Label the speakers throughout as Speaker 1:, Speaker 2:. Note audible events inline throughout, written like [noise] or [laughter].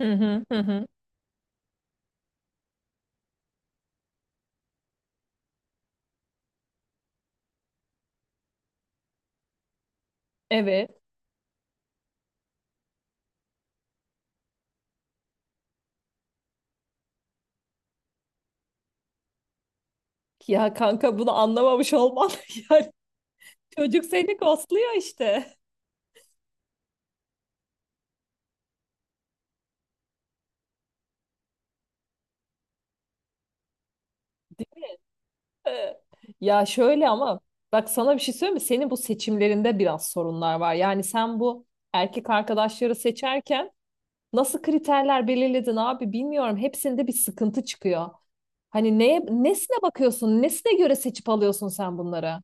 Speaker 1: Hı hı hı hı. Evet. Ya kanka bunu anlamamış olman [laughs] yani çocuk seni ghostluyor işte. [laughs] Ee, Ya şöyle ama bak sana bir şey söyleyeyim mi? Senin bu seçimlerinde biraz sorunlar var. Yani sen bu erkek arkadaşları seçerken nasıl kriterler belirledin abi bilmiyorum. Hepsinde bir sıkıntı çıkıyor. Hani nesine bakıyorsun? Nesine göre seçip alıyorsun sen bunları?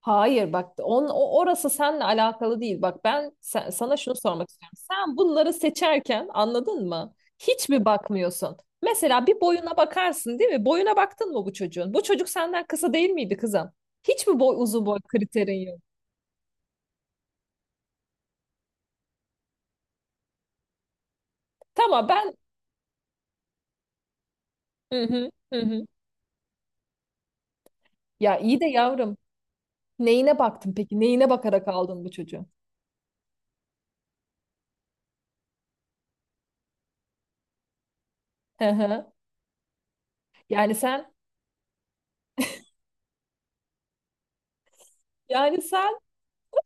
Speaker 1: Hayır, bak, orası seninle alakalı değil. Bak ben sana şunu sormak istiyorum. Sen bunları seçerken anladın mı? Hiç mi bakmıyorsun? Mesela bir boyuna bakarsın değil mi? Boyuna baktın mı bu çocuğun? Bu çocuk senden kısa değil miydi kızım? Hiç mi uzun boy kriterin yok? Tamam ben hı hı, hı hı. Ya iyi de yavrum neyine baktın peki? Neyine bakarak aldın bu çocuğu? Hı hı. Yani sen Yani sen,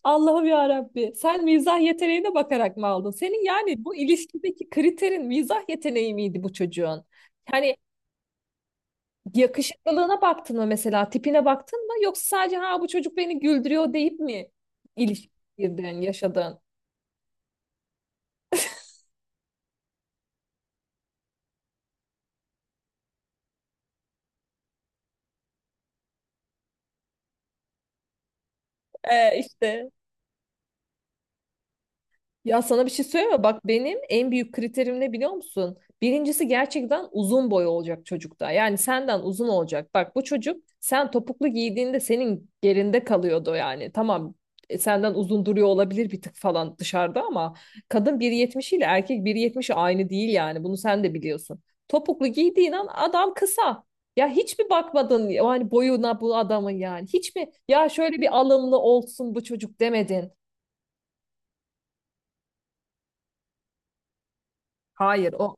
Speaker 1: Allah'ım ya Rabbi, sen mizah yeteneğine bakarak mı aldın? Senin yani bu ilişkideki kriterin mizah yeteneği miydi bu çocuğun? Yani yakışıklılığına baktın mı mesela, tipine baktın mı? Yoksa sadece ha bu çocuk beni güldürüyor deyip mi ilişkiden yaşadın? İşte. Ya sana bir şey söyleyeyim mi? Bak benim en büyük kriterim ne biliyor musun? Birincisi gerçekten uzun boy olacak çocukta. Yani senden uzun olacak. Bak bu çocuk sen topuklu giydiğinde senin gerinde kalıyordu yani. Tamam, senden uzun duruyor olabilir bir tık falan dışarıda ama kadın 1,70 ile erkek 1,70 aynı değil yani. Bunu sen de biliyorsun. Topuklu giydiğin an adam kısa. Ya hiç mi bakmadın yani boyuna bu adamın yani? Hiç mi ya şöyle bir alımlı olsun bu çocuk demedin? Hayır.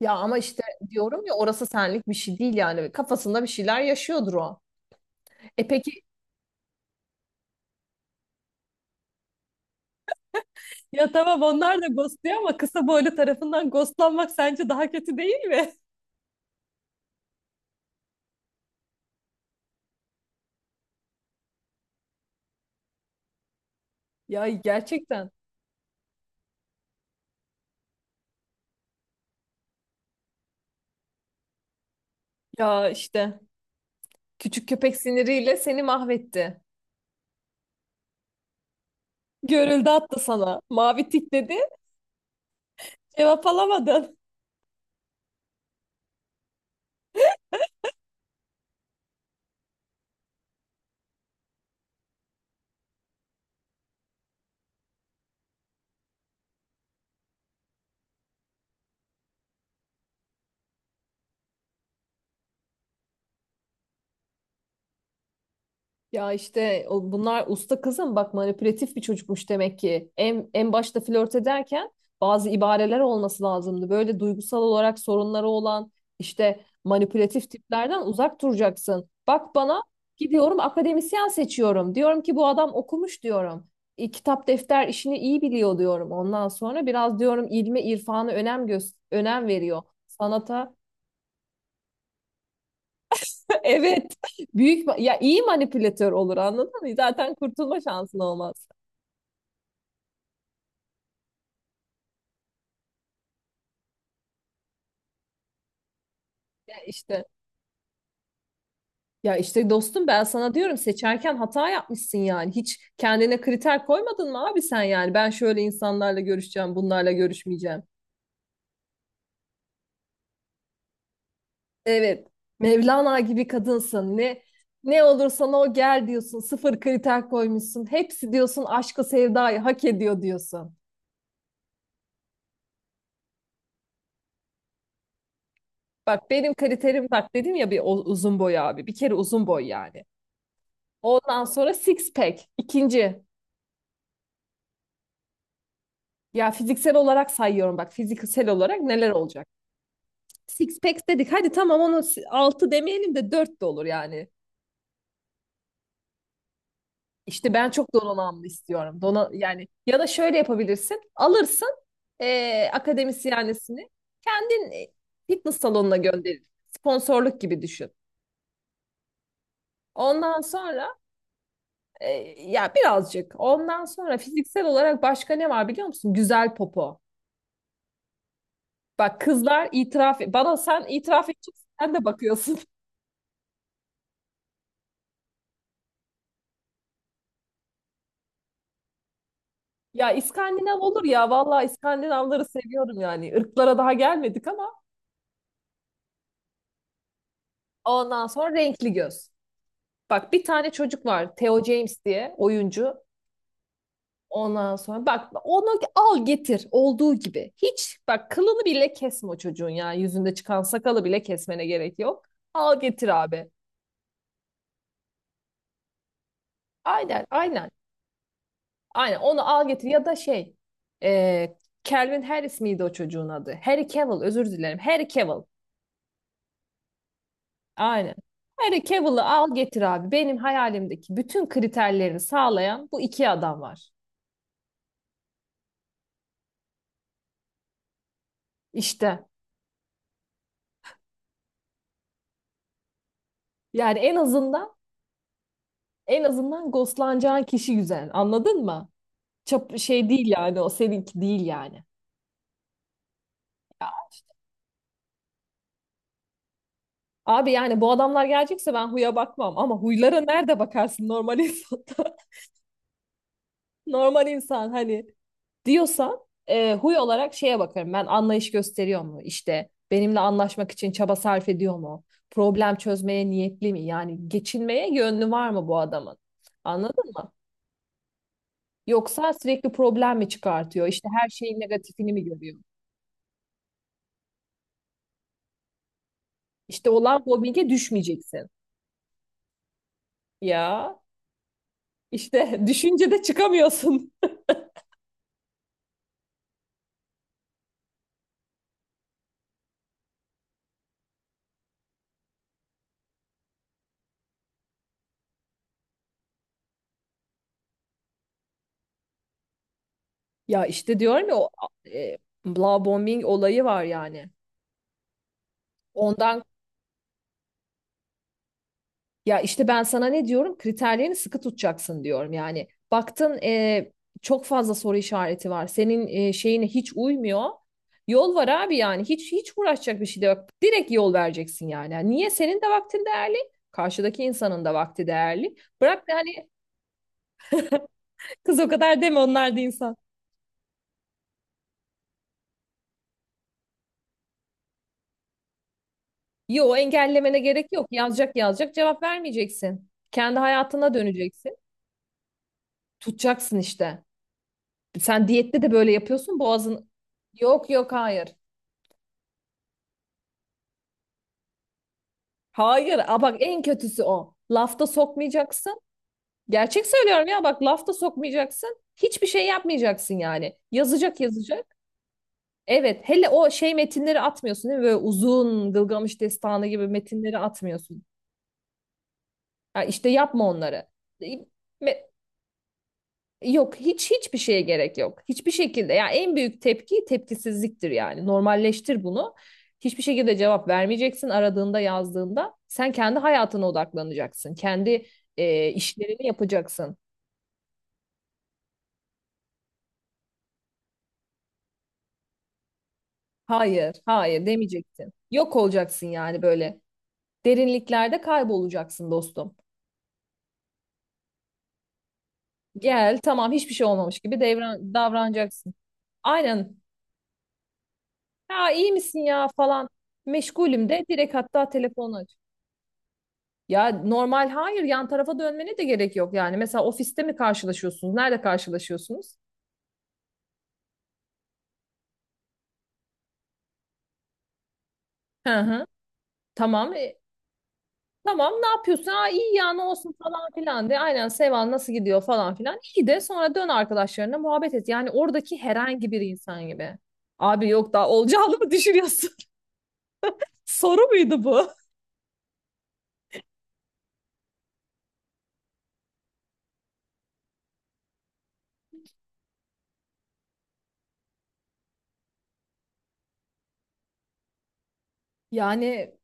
Speaker 1: Ya ama işte diyorum ya orası senlik bir şey değil yani. Kafasında bir şeyler yaşıyordur o. E peki Ya tamam onlar da ghostluyor ama kısa boylu tarafından ghostlanmak sence daha kötü değil mi? [laughs] Ya gerçekten, ya işte küçük köpek siniriyle seni mahvetti. Görüldü attı sana. Mavi tik dedi. Cevap alamadın. Ya işte bunlar usta kızım, bak, manipülatif bir çocukmuş demek ki. En başta flört ederken bazı ibareler olması lazımdı. Böyle duygusal olarak sorunları olan, işte manipülatif tiplerden uzak duracaksın. Bak, bana gidiyorum akademisyen seçiyorum. Diyorum ki bu adam okumuş, diyorum. Kitap defter işini iyi biliyor diyorum. Ondan sonra biraz diyorum ilme irfana önem önem veriyor. Sanata. [laughs] Evet, ya iyi manipülatör olur, anladın mı? Zaten kurtulma şansın olmaz. İşte Ya işte dostum, ben sana diyorum seçerken hata yapmışsın yani. Hiç kendine kriter koymadın mı abi sen yani? Ben şöyle insanlarla görüşeceğim, bunlarla görüşmeyeceğim. Evet. Mevlana gibi kadınsın. Ne olursan o gel diyorsun. Sıfır kriter koymuşsun. Hepsi diyorsun aşkı sevdayı hak ediyor diyorsun. Bak benim kriterim, bak, dedim ya, bir uzun boy abi. Bir kere uzun boy yani. Ondan sonra six pack. İkinci. Ya fiziksel olarak sayıyorum, bak, fiziksel olarak neler olacak? Six packs dedik. Hadi tamam, onu 6 demeyelim de 4 de olur yani. İşte ben çok donanımlı istiyorum. Yani ya da şöyle yapabilirsin. Alırsın akademisyenlisini. Kendin, fitness salonuna gönderir. Sponsorluk gibi düşün. Ondan sonra, e, ya birazcık. Ondan sonra fiziksel olarak başka ne var biliyor musun? Güzel popo. Bak kızlar, itiraf, bana sen itiraf edeceksin. Sen de bakıyorsun. Ya İskandinav olur ya. Vallahi İskandinavları seviyorum yani. Irklara daha gelmedik ama ondan sonra renkli göz. Bak bir tane çocuk var, Theo James diye, oyuncu. Ondan sonra bak onu al getir olduğu gibi. Hiç bak kılını bile kesme o çocuğun ya. Yüzünde çıkan sakalı bile kesmene gerek yok. Al getir abi. Aynen, aynen. Aynen onu al getir ya da şey. E, Calvin Harris miydi o çocuğun adı? Harry Cavill, özür dilerim. Harry Cavill. Aynen. Harry Cavill'ı al getir abi. Benim hayalimdeki bütün kriterlerini sağlayan bu iki adam var. İşte. Yani en azından, ghostlanacağın kişi güzel. Anladın mı? Çap şey değil yani, o seninki değil yani. Ya, abi yani bu adamlar gelecekse ben huya bakmam ama huylara nerede bakarsın normal [laughs] insanda? Normal insan hani diyorsan, huy olarak şeye bakarım ben: anlayış gösteriyor mu, İşte benimle anlaşmak için çaba sarf ediyor mu, problem çözmeye niyetli mi yani, geçinmeye yönlü var mı bu adamın, anladın mı, yoksa sürekli problem mi çıkartıyor, İşte her şeyin negatifini mi görüyor. İşte olan mobbinge düşmeyeceksin. Ya işte [laughs] düşünce de çıkamıyorsun. Ya işte diyorum ya, e, bla bombing olayı var yani. ondan Ya işte ben sana ne diyorum? Kriterlerini sıkı tutacaksın diyorum. Yani baktın, çok fazla soru işareti var. Senin, şeyine hiç uymuyor. Yol var abi yani. Hiç uğraşacak bir şey de yok. Direkt yol vereceksin yani. Yani niye, senin de vaktin değerli. Karşıdaki insanın da vakti değerli. Bırak da hani, kız o kadar deme, onlar da insan. Yo, engellemene gerek yok. Yazacak, yazacak, cevap vermeyeceksin. Kendi hayatına döneceksin. Tutacaksın işte. Sen diyette de böyle yapıyorsun. Yok, yok, hayır. Hayır, bak, en kötüsü o. Lafta sokmayacaksın. Gerçek söylüyorum ya, bak lafta sokmayacaksın. Hiçbir şey yapmayacaksın yani. Yazacak, yazacak. Evet, hele o şey metinleri atmıyorsun değil mi? Böyle uzun Gılgamış Destanı gibi metinleri atmıyorsun. Ha, işte yapma onları. E, me- Yok, hiç hiçbir şeye gerek yok. Hiçbir şekilde. Yani en büyük tepki tepkisizliktir yani. Normalleştir bunu. Hiçbir şekilde cevap vermeyeceksin aradığında, yazdığında. Sen kendi hayatına odaklanacaksın. Kendi, işlerini yapacaksın. Hayır, hayır demeyeceksin. Yok olacaksın yani, böyle. Derinliklerde kaybolacaksın dostum. Gel tamam, hiçbir şey olmamış gibi davranacaksın. Aynen. Ha, iyi misin ya falan. Meşgulüm de, direkt hatta telefonu aç. Ya normal, hayır, yan tarafa dönmene de gerek yok yani. Mesela ofiste mi karşılaşıyorsunuz? Nerede karşılaşıyorsunuz? Hı hı. Tamam. Tamam, ne yapıyorsun? Aa iyi ya, ne olsun falan filan de. Aynen, Seval nasıl gidiyor falan filan. İyi de sonra dön arkadaşlarına muhabbet et. Yani oradaki herhangi bir insan gibi. Abi yok, daha olacağını mı düşünüyorsun? [laughs] Soru muydu bu? Yani,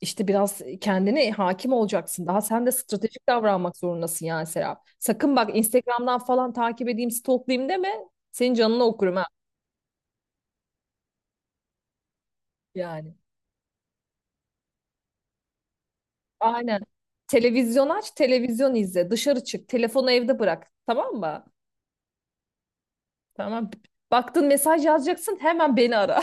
Speaker 1: İşte biraz kendine hakim olacaksın. Daha sen de stratejik davranmak zorundasın yani Serap. Sakın bak, Instagram'dan falan takip edeyim, stalklayayım deme. Senin canını okurum ha yani. Aynen. Televizyon aç, televizyon izle. Dışarı çık, telefonu evde bırak. Tamam mı? Tamam. Baktın mesaj yazacaksın, hemen beni ara.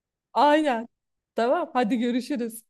Speaker 1: [laughs] Aynen. Tamam, hadi görüşürüz.